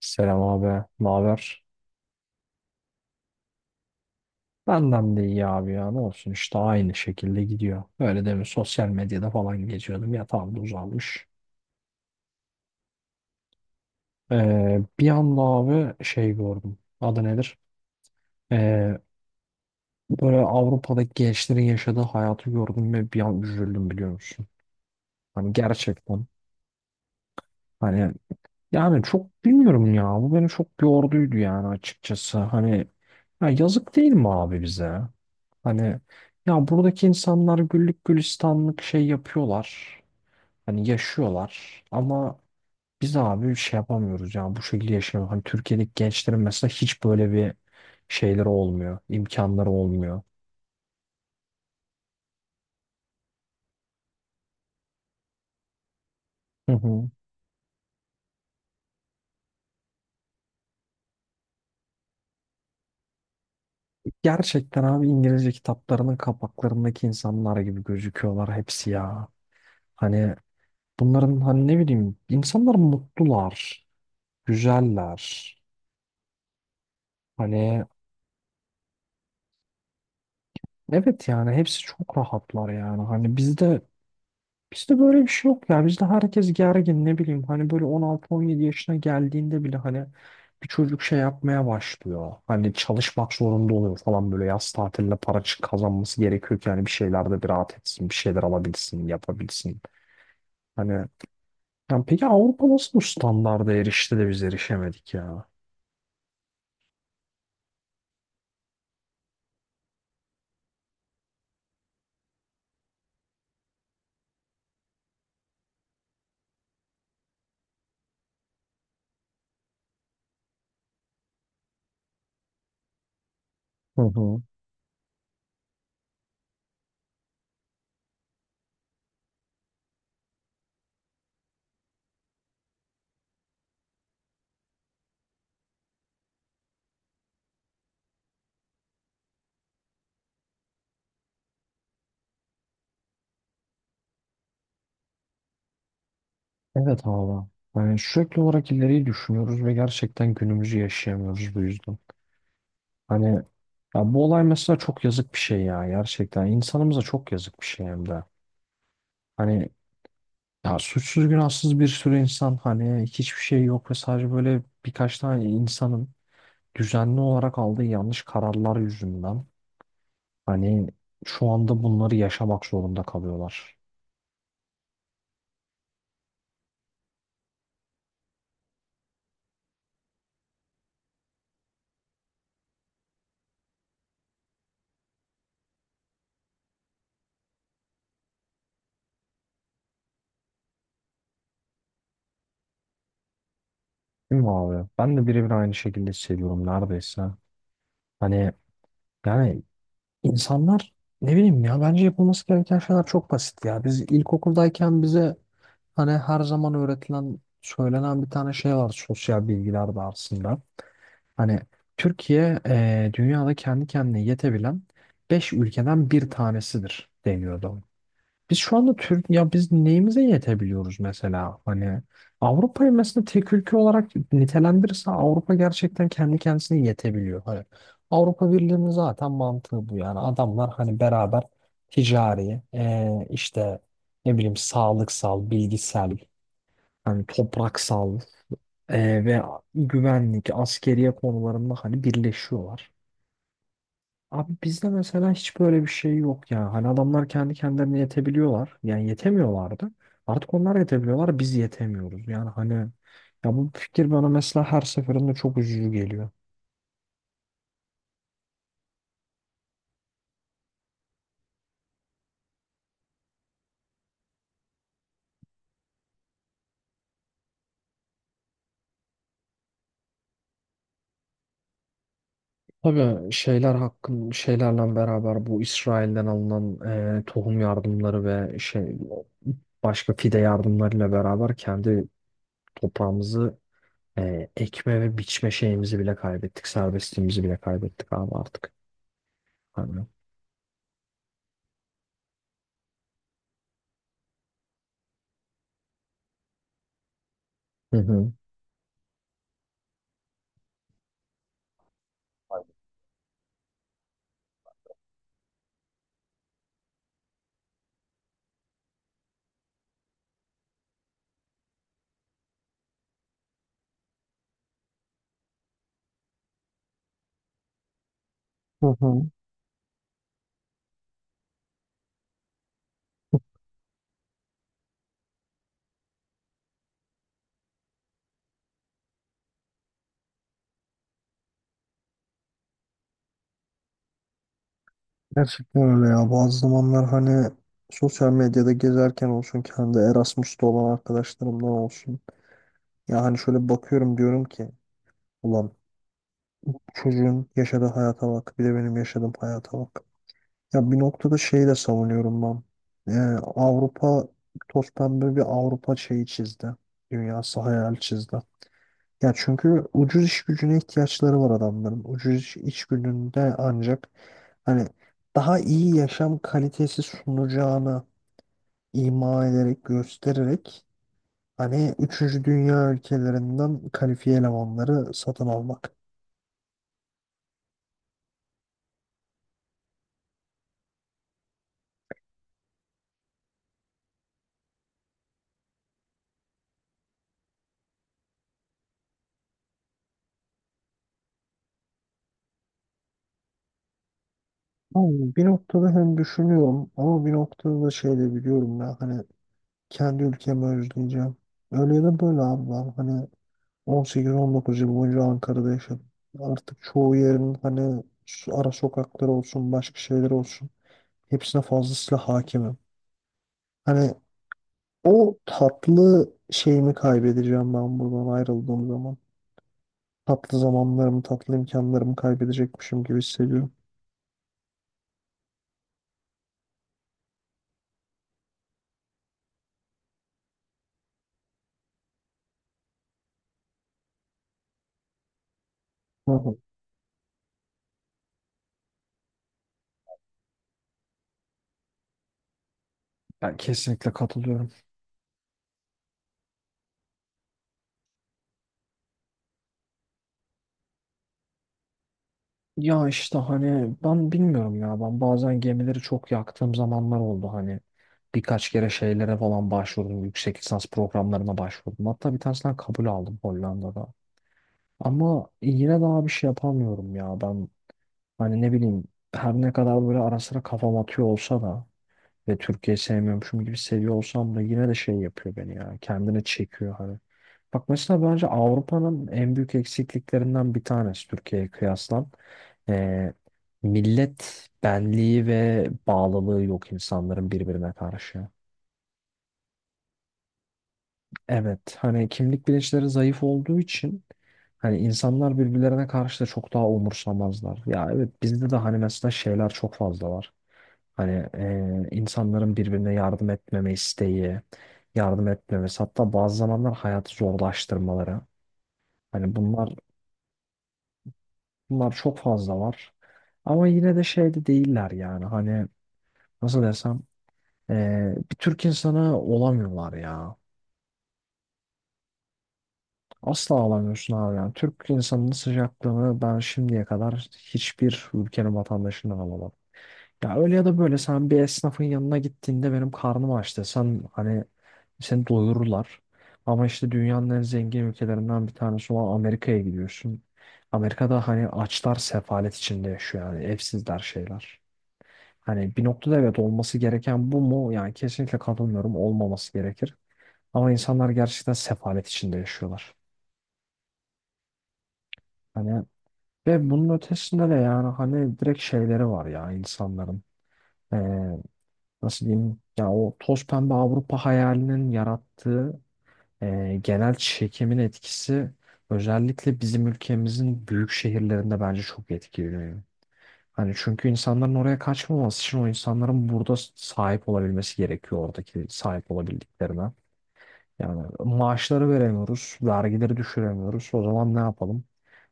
Selam abi. Ne haber? Benden de iyi abi ya. Ne olsun işte, aynı şekilde gidiyor. Öyle demin sosyal medyada falan geziyordum. Yatağımda uzanmış. Bir anda abi şey gördüm. Adı nedir? Ee, Böyle Avrupa'daki gençlerin yaşadığı hayatı gördüm ve bir an üzüldüm, biliyor musun? Hani gerçekten, hani yani çok bilmiyorum ya. Bu beni çok yorduydu yani, açıkçası. Hani, ya yazık değil mi abi bize? Hani ya, buradaki insanlar güllük gülistanlık şey yapıyorlar. Hani yaşıyorlar ama biz abi şey yapamıyoruz ya, bu şekilde yaşayamıyoruz. Hani Türkiye'deki gençlerin mesela hiç böyle bir şeyleri olmuyor, imkanları olmuyor. Hı hı. Gerçekten abi, İngilizce kitaplarının kapaklarındaki insanlar gibi gözüküyorlar hepsi ya. Hani bunların, hani ne bileyim, insanlar mutlular, güzeller. Hani evet, yani hepsi çok rahatlar yani. Hani bizde, bizde böyle bir şey yok ya. Bizde herkes gergin, ne bileyim. Hani böyle 16-17 yaşına geldiğinde bile hani bir çocuk şey yapmaya başlıyor. Hani çalışmak zorunda oluyor falan, böyle yaz tatiline para çık- kazanması gerekiyor ki hani bir şeylerde bir rahat etsin, bir şeyler alabilsin, yapabilsin. Hani yani, peki Avrupa nasıl bu standarda erişti de biz erişemedik ya? Hı hı. Evet abi. Yani sürekli olarak ileriyi düşünüyoruz ve gerçekten günümüzü yaşayamıyoruz bu yüzden. Hani ya, bu olay mesela çok yazık bir şey ya, gerçekten. İnsanımıza çok yazık bir şey hem de. Hani ya, suçsuz günahsız bir sürü insan, hani hiçbir şey yok ve sadece böyle birkaç tane insanın düzenli olarak aldığı yanlış kararlar yüzünden hani şu anda bunları yaşamak zorunda kalıyorlar. Değil mi abi? Ben de birebir aynı şekilde hissediyorum neredeyse. Hani yani, insanlar, ne bileyim ya, bence yapılması gereken şeyler çok basit ya. Biz ilkokuldayken bize, hani her zaman öğretilen, söylenen bir tane şey var sosyal bilgiler dersinde. Hani Türkiye dünyada kendi kendine yetebilen 5 ülkeden bir tanesidir deniyordu. Biz şu anda Türk ya, biz neyimize yetebiliyoruz mesela? Hani Avrupa'yı mesela tek ülke olarak nitelendirirse, Avrupa gerçekten kendi kendisine yetebiliyor. Hani Avrupa Birliği'nin zaten mantığı bu yani. Adamlar hani beraber ticari, işte ne bileyim, sağlıksal, bilgisel, hani topraksal, ve güvenlik, askeriye konularında hani birleşiyorlar. Abi bizde mesela hiç böyle bir şey yok ya. Hani adamlar kendi kendilerine yetebiliyorlar. Yani yetemiyorlardı. Artık onlar yetebiliyorlar, biz yetemiyoruz. Yani hani ya, bu fikir bana mesela her seferinde çok üzücü geliyor. Tabii şeyler hakkın şeylerle beraber, bu İsrail'den alınan tohum yardımları ve şey başka fide yardımlarıyla beraber kendi toprağımızı ekme ve biçme şeyimizi bile kaybettik. Serbestliğimizi bile kaybettik abi artık. Hani. Hı hı. Hı hı. Gerçekten öyle ya. Bazı zamanlar hani sosyal medyada gezerken olsun, kendi Erasmus'ta olan arkadaşlarımdan olsun. Ya hani şöyle bakıyorum, diyorum ki ulan, çocuğun yaşadığı hayata bak, bir de benim yaşadığım hayata bak. Ya bir noktada şeyi de savunuyorum ben. Yani Avrupa, toz pembe bir Avrupa şeyi çizdi. Dünyası hayal çizdi. Ya çünkü ucuz iş gücüne ihtiyaçları var adamların. Ucuz iş, iş gücünde ancak hani daha iyi yaşam kalitesi sunacağını ima ederek, göstererek hani üçüncü dünya ülkelerinden kalifiye elemanları satın almak. Ama bir noktada hem düşünüyorum, ama bir noktada da şey de biliyorum ya, hani kendi ülkemi özleyeceğim. Öyle ya da böyle abi, ben hani 18-19 yıl boyunca Ankara'da yaşadım. Artık çoğu yerin hani su- ara sokakları olsun, başka şeyler olsun, hepsine fazlasıyla hakimim. Hani o tatlı şeyimi kaybedeceğim ben buradan ayrıldığım zaman. Tatlı zamanlarımı, tatlı imkanlarımı kaybedecekmişim gibi hissediyorum. Hı hı. Ben kesinlikle katılıyorum. Ya işte hani ben bilmiyorum ya, ben bazen gemileri çok yaktığım zamanlar oldu, hani birkaç kere şeylere falan başvurdum, yüksek lisans programlarına başvurdum, hatta bir tanesinden kabul aldım Hollanda'da, ama yine daha bir şey yapamıyorum ya ben, hani ne bileyim, her ne kadar böyle ara sıra kafam atıyor olsa da ve Türkiye'yi sevmiyormuşum gibi seviyor olsam da, yine de şey yapıyor beni, ya kendine çekiyor hani. Bak mesela bence Avrupa'nın en büyük eksikliklerinden bir tanesi Türkiye'ye kıyasla. Ee, Millet benliği ve bağlılığı yok insanların birbirine karşı. Evet, hani kimlik bilinçleri zayıf olduğu için hani insanlar birbirlerine karşı da çok daha umursamazlar. Ya evet, bizde de hani mesela şeyler çok fazla var. Hani insanların birbirine yardım etmeme isteği, yardım etmemesi, hatta bazı zamanlar hayatı zorlaştırmaları. Hani bunlar çok fazla var. Ama yine de şeyde değiller yani, hani nasıl desem, bir Türk insana olamıyorlar ya. Asla olamıyorsun abi yani. Türk insanının sıcaklığını ben şimdiye kadar hiçbir ülkenin vatandaşından alamadım. Ya öyle ya da böyle, sen bir esnafın yanına gittiğinde benim karnım aç desen hani seni doyururlar. Ama işte dünyanın en zengin ülkelerinden bir tanesi olan Amerika'ya gidiyorsun. Amerika'da hani açlar sefalet içinde yaşıyor yani, evsizler, şeyler. Hani bir noktada evet, olması gereken bu mu? Yani kesinlikle katılmıyorum, olmaması gerekir. Ama insanlar gerçekten sefalet içinde yaşıyorlar. Hani ve bunun ötesinde de yani, hani direkt şeyleri var ya insanların. Ee, Nasıl diyeyim? Ya o toz pembe Avrupa hayalinin yarattığı genel çekimin etkisi özellikle bizim ülkemizin büyük şehirlerinde bence çok etkiliyor. Hani çünkü insanların oraya kaçmaması için, o insanların burada sahip olabilmesi gerekiyor oradaki sahip olabildiklerine. Yani maaşları veremiyoruz, vergileri düşüremiyoruz. O zaman ne yapalım?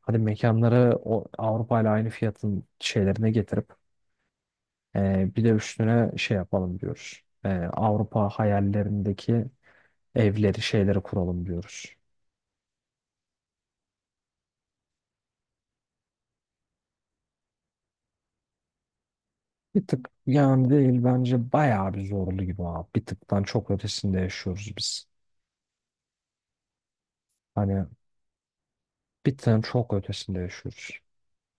Hadi mekanları o Avrupa ile aynı fiyatın şeylerine getirip bir de üstüne şey yapalım diyoruz. Avrupa hayallerindeki evleri, şeyleri kuralım diyoruz. Bir tık yani değil, bence bayağı bir zorlu gibi abi. Bir tıktan çok ötesinde yaşıyoruz biz. Hani bir tıktan çok ötesinde yaşıyoruz.